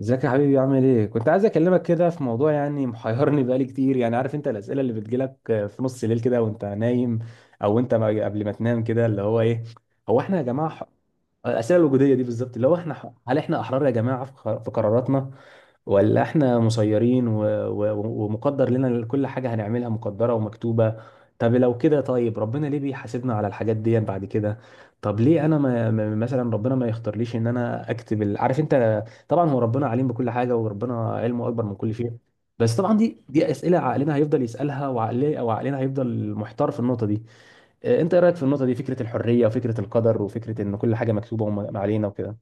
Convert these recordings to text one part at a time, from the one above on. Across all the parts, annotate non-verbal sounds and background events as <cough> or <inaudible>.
ازيك يا حبيبي؟ عامل ايه؟ كنت عايز اكلمك كده في موضوع يعني محيرني بقالي كتير. يعني عارف انت الاسئله اللي بتجيلك في نص الليل كده وانت نايم او انت ما- قبل ما تنام كده اللي هو ايه. هو احنا يا جماعه ح- الاسئله الوجوديه دي بالظبط، اللي هو هل احنا احرار يا جماعه في قراراتنا؟ ولا احنا مسيرين و... و... ومقدر لنا كل حاجه هنعملها مقدره ومكتوبه؟ طب لو كده، طيب ربنا ليه بيحاسبنا على الحاجات دي بعد كده؟ طب ليه انا ما... ما- مثلا ربنا ما يختارليش ان انا اكتب عارف انت. طبعا هو ربنا عليم بكل حاجه وربنا علمه اكبر من كل شيء، بس طبعا دي اسئله عقلنا هيفضل يسالها، وعقلي او عقلنا هيفضل محتار في النقطه دي. انت ايه رايك في النقطه دي؟ فكره الحريه وفكره القدر وفكره ان كل حاجه مكتوبه وما علينا وكده.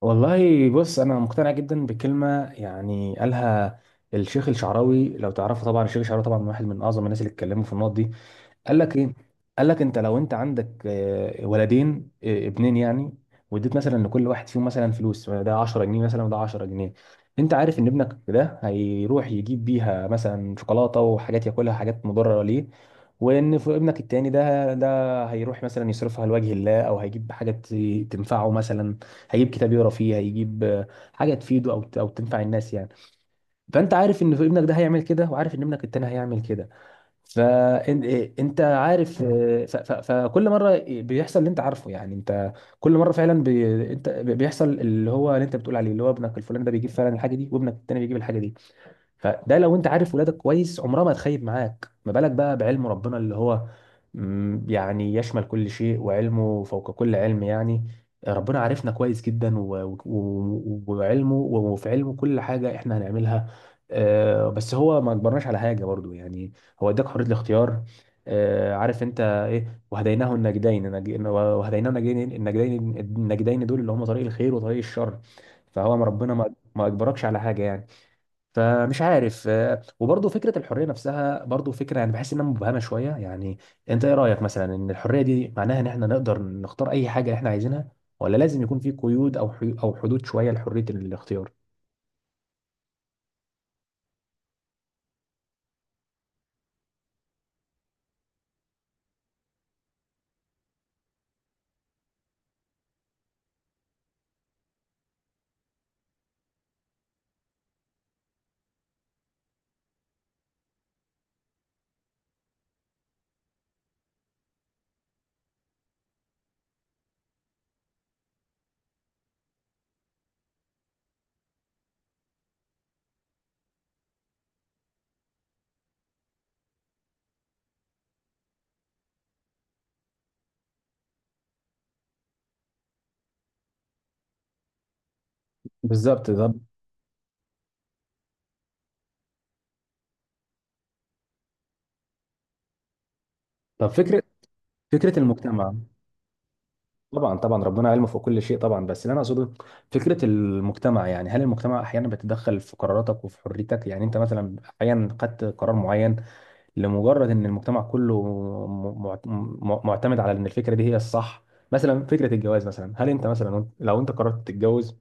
والله بص، انا مقتنع جدا بكلمه يعني قالها الشيخ الشعراوي، لو تعرفه طبعا. الشيخ الشعراوي طبعا واحد من اعظم الناس اللي اتكلموا في النقط دي. قال لك ايه؟ قال لك انت لو انت عندك ولدين، ابنين يعني، واديت مثلا لكل واحد فيهم مثلا فلوس، ده 10 جنيه مثلا وده 10 جنيه. انت عارف ان ابنك ده هيروح يجيب بيها مثلا شوكولاته وحاجات ياكلها، حاجات مضره ليه. وان ابنك التاني ده هيروح مثلا يصرفها لوجه الله او هيجيب تنفعه مثلا، هيجيب كتاب يقرا فيه، هيجيب حاجه تفيده او تنفع الناس يعني. فانت عارف ان ابنك ده هيعمل كده، وعارف ان ابنك التاني هيعمل كده. فانت عارف. آه، ف- ف- فكل مره بيحصل اللي انت عارفه، يعني انت كل مره انت بيحصل اللي هو اللي انت بتقول عليه، اللي هو ابنك الفلاني ده بيجيب فعلا الحاجه دي، وابنك التاني بيجيب الحاجه دي. فده لو انت عارف ولادك كويس عمرها ما تخيب معاك، ما بالك بقى بعلم ربنا اللي هو، يعني يشمل كل شيء وعلمه فوق كل علم يعني. ربنا عارفنا كويس جدا و- و- وعلمه وفي علمه كل حاجة احنا هنعملها. بس هو ما اجبرناش على حاجة برضو يعني، هو اداك حرية الاختيار. عارف انت ايه؟ وهديناه النجدين. وهديناه النجدين، النجدين النجدين دول اللي هم طريق الخير وطريق الشر. فهو ما ربنا ما ما اجبركش على حاجة يعني. فمش عارف. وبرضه فكره الحريه نفسها برضه فكره يعني بحس انها مبهمه شويه يعني. انت ايه رايك مثلا؟ ان الحريه دي معناها ان احنا نقدر نختار اي حاجه احنا عايزينها، ولا لازم يكون في قيود او حدود شويه لحريه الاختيار؟ بالظبط ده. طب فكرة فكرة المجتمع. طبعا طبعا ربنا علمه فوق كل شيء طبعا، بس اللي انا اقصده فكره المجتمع، يعني هل المجتمع احيانا بيتدخل في قراراتك وفي حريتك؟ يعني انت مثلا احيانا خدت قرار معين لمجرد ان المجتمع كله معتمد على ان الفكره دي هي الصح. مثلا فكره الجواز مثلا، هل انت مثلا لو انت قررت تتجوز،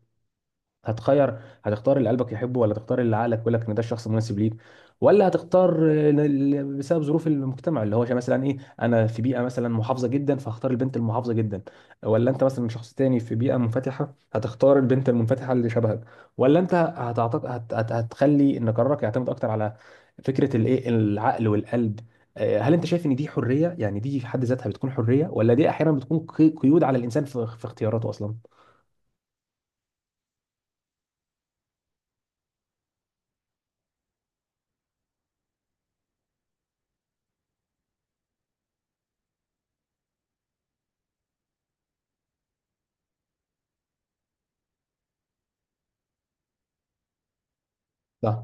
هتختار اللي قلبك يحبه، ولا تختار اللي عقلك يقول لك ان ده الشخص المناسب ليك، ولا بسبب ظروف المجتمع، اللي هو مثلا ايه، انا في بيئه مثلا محافظه جدا فهختار البنت المحافظه جدا، ولا انت مثلا شخص تاني في بيئه منفتحه هتختار البنت المنفتحه اللي شبهك، ولا انت هتخلي ان قرارك يعتمد اكتر على فكره الايه العقل والقلب؟ هل انت شايف ان دي حريه؟ يعني دي في حد ذاتها بتكون حريه، ولا دي احيانا بتكون قيود على الانسان في في اختياراته اصلا؟ صح.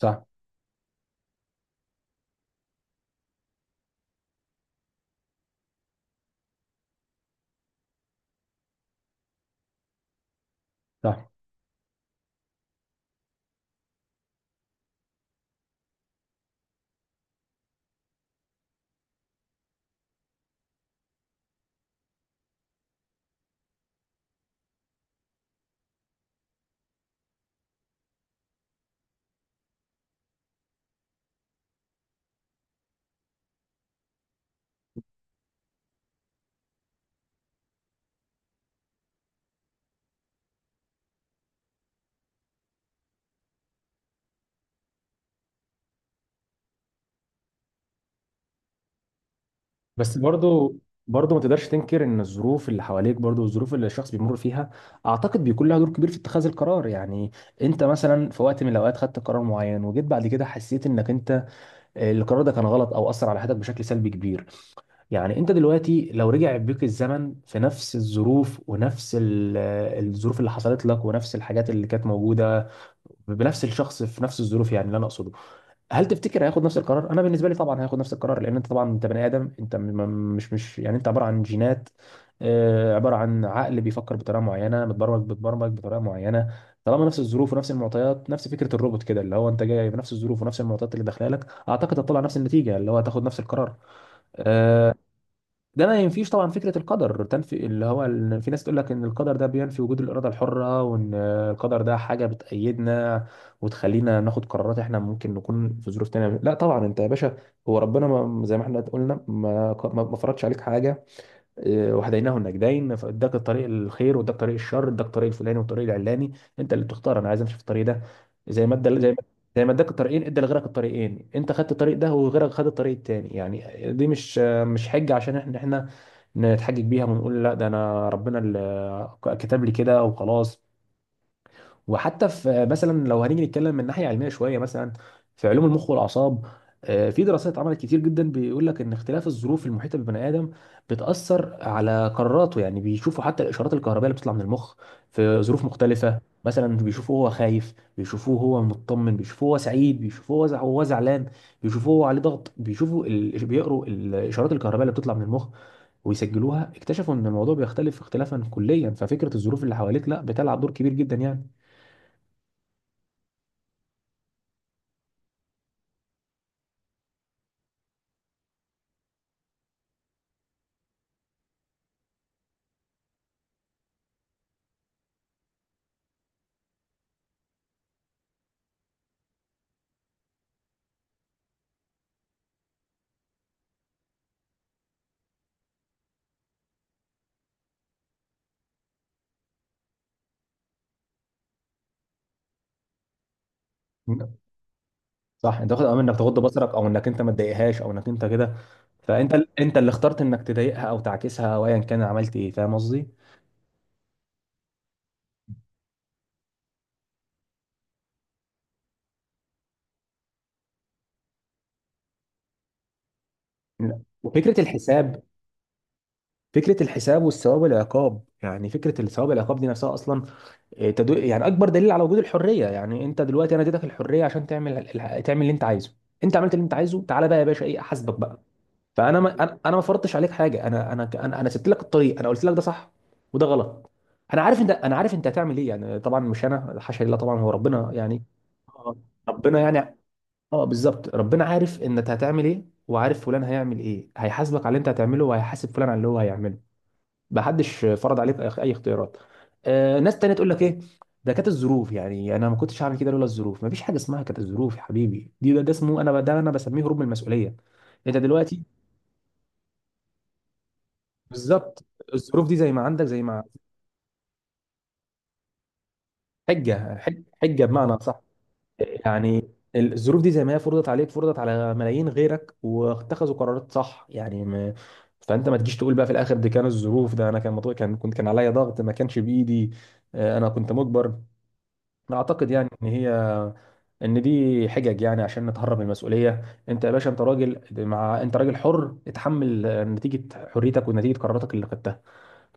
صح. صح. بس برضو، برضو ما تقدرش تنكر ان الظروف اللي حواليك برضو، والظروف اللي الشخص بيمر فيها، اعتقد بيكون لها دور كبير في اتخاذ القرار يعني. انت مثلا في وقت من الاوقات خدت قرار معين، وجيت بعد كده حسيت انك انت القرار ده كان غلط او اثر على حياتك بشكل سلبي كبير. يعني انت دلوقتي لو رجع بيك الزمن في نفس الظروف ونفس الظروف اللي حصلت لك ونفس الحاجات اللي كانت موجودة، بنفس الشخص في نفس الظروف، يعني اللي انا اقصده هل تفتكر هياخد نفس القرار؟ انا بالنسبه لي طبعا هياخد نفس القرار، لان انت طبعا انت بني ادم، انت مش يعني انت عباره عن جينات، عباره عن عقل بيفكر بطريقه معينه، متبرمج بتبرمج بطريقه معينه. طالما نفس الظروف ونفس المعطيات، نفس فكره الروبوت كده، اللي هو انت جاي بنفس الظروف ونفس المعطيات اللي داخله لك، اعتقد هتطلع نفس النتيجه، اللي هو هتاخد نفس القرار. آه، ده ما ينفيش طبعا فكره القدر، تنفي اللي هو في ناس تقول لك ان القدر ده بينفي وجود الاراده الحره، وان القدر ده حاجه بتأيدنا وتخلينا ناخد قرارات احنا ممكن نكون في ظروف تانية. لا طبعا انت يا باشا، هو ربنا، ما زي ما احنا قلنا، ما فرضش عليك حاجه. وهديناه النجدين، فاداك الطريق الخير واداك طريق الشر، اداك الطريق الفلاني والطريق العلاني، انت اللي بتختار. انا عايز امشي في الطريق ده، زي ما ادى زي ما زي ما اداك الطريقين، ادى لغيرك الطريقين. انت خدت الطريق ده، وغيرك خد الطريق التاني يعني. دي مش، مش حجه عشان احنا نتحجج بيها ونقول لا ده انا ربنا اللي كتب لي كده وخلاص. وحتى في مثلا، لو هنيجي نتكلم من ناحيه علميه شويه، مثلا في علوم المخ والاعصاب، في دراسات اتعملت كتير جدا بيقول لك ان اختلاف الظروف المحيطه بالبني ادم بتاثر على قراراته يعني. بيشوفوا حتى الاشارات الكهربائيه اللي بتطلع من المخ في ظروف مختلفه، مثلا بيشوفوه هو خايف، بيشوفوه هو مطمن، بيشوفوه هو سعيد، بيشوفوه هو زعلان، بيشوفوه هو عليه ضغط، بيقروا الاشارات الكهربائيه اللي بتطلع من المخ ويسجلوها. اكتشفوا ان الموضوع بيختلف اختلافا كليا، ففكره الظروف اللي حواليك لا بتلعب دور كبير جدا يعني. صح، انت واخد امر انك تغض بصرك، او انك انت ما تضايقهاش، او انك انت كده. فانت انت اللي اخترت انك تضايقها او تعكسها او ايا كان، عملت ايه؟ فاهم قصدي؟ لا. وفكره الحساب، فكره الحساب والثواب والعقاب، يعني فكره الثواب والعقاب دي نفسها اصلا يعني اكبر دليل على وجود الحريه. يعني انت دلوقتي، انا اديتك الحريه عشان تعمل اللي انت عايزه، انت عملت اللي انت عايزه، تعالى بقى يا باشا ايه، احاسبك بقى. فانا ما انا أنا ما فرضتش عليك حاجه، انا سبت لك الطريق، انا قلت لك ده صح وده غلط. انا عارف انت هتعمل ايه يعني، طبعا مش انا، حاشا لله، طبعا هو ربنا يعني. آه. ربنا يعني، اه بالظبط، ربنا عارف ان انت هتعمل ايه، وعارف فلان هيعمل ايه، هيحاسبك على اللي انت هتعمله، وهيحاسب فلان على اللي هو هيعمله. محدش فرض عليك أي اختيارات. آه، ناس تانية تقول لك ايه، ده كانت الظروف يعني، يعني انا ما كنتش هعمل كده لولا الظروف. مفيش حاجه اسمها كانت الظروف يا حبيبي، ده اسمه انا ده انا بسميه هروب من المسؤوليه. انت دلوقتي بالظبط، الظروف دي زي ما عندك، زي ما، حجه، حجه بمعنى صح. يعني الظروف دي زي ما هي فرضت عليك، فرضت على ملايين غيرك واتخذوا قرارات صح يعني. ما فانت ما تجيش تقول بقى في الاخر دي كانت الظروف، ده انا كان مطلوب، كان كنت، كان عليا ضغط، ما كانش بايدي، انا كنت مجبر. اعتقد يعني ان هي، ان دي حجج يعني عشان نتهرب من المسؤوليه. انت يا باشا انت راجل، انت راجل حر، اتحمل نتيجه حريتك ونتيجه قراراتك اللي خدتها،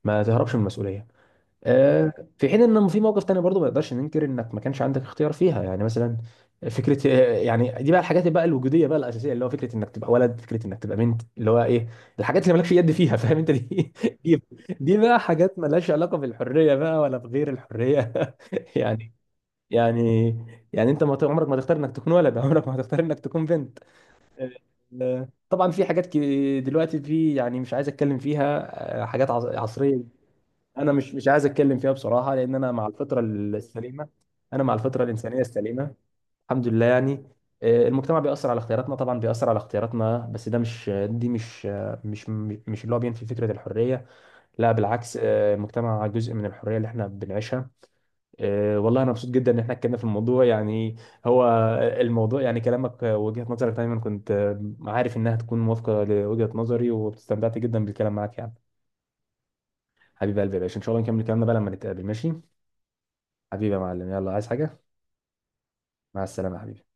ما تهربش من المسؤوليه. في حين ان في موقف تاني برضو ما نقدرش ننكر انك ما كانش عندك اختيار فيها، يعني مثلا فكره يعني دي بقى الحاجات بقى الوجوديه بقى الاساسيه، اللي هو فكره انك تبقى ولد، فكره انك تبقى بنت، اللي هو ايه، الحاجات اللي مالكش يد فيها. فاهم انت؟ دي <laughs> دي, دي بقى حاجات مالهاش علاقه بالحريه بقى ولا بغير الحريه <laughs> يعني. يعني يعني انت ما ت- عمرك ما تختار انك تكون ولد <laughs> عمرك ما هتختار انك تكون بنت. طبعا في حاجات دلوقتي في، يعني مش عايز اتكلم فيها. حاجات عصريه، انا مش عايز اتكلم فيها بصراحه، لان انا مع الفطره السليمه، انا مع الفطره الانسانيه السليمه. الحمد لله يعني. المجتمع بيأثر على اختياراتنا، طبعا بيأثر على اختياراتنا، بس ده مش، دي مش، مش مش اللي هو بينفي فكره الحريه، لا بالعكس. المجتمع جزء من الحريه اللي احنا بنعيشها. والله انا مبسوط جدا ان احنا اتكلمنا في الموضوع يعني. هو الموضوع يعني، كلامك وجهه نظرك دايما كنت عارف انها تكون موافقه لوجهه نظري، واستمتعت جدا بالكلام معاك يعني. حبيب قلبي يا باشا، ان شاء الله نكمل كلامنا بقى لما نتقابل، ماشي؟ حبيبي يا معلم، يلا، عايز حاجة؟ مع السلامة يا حبيبي.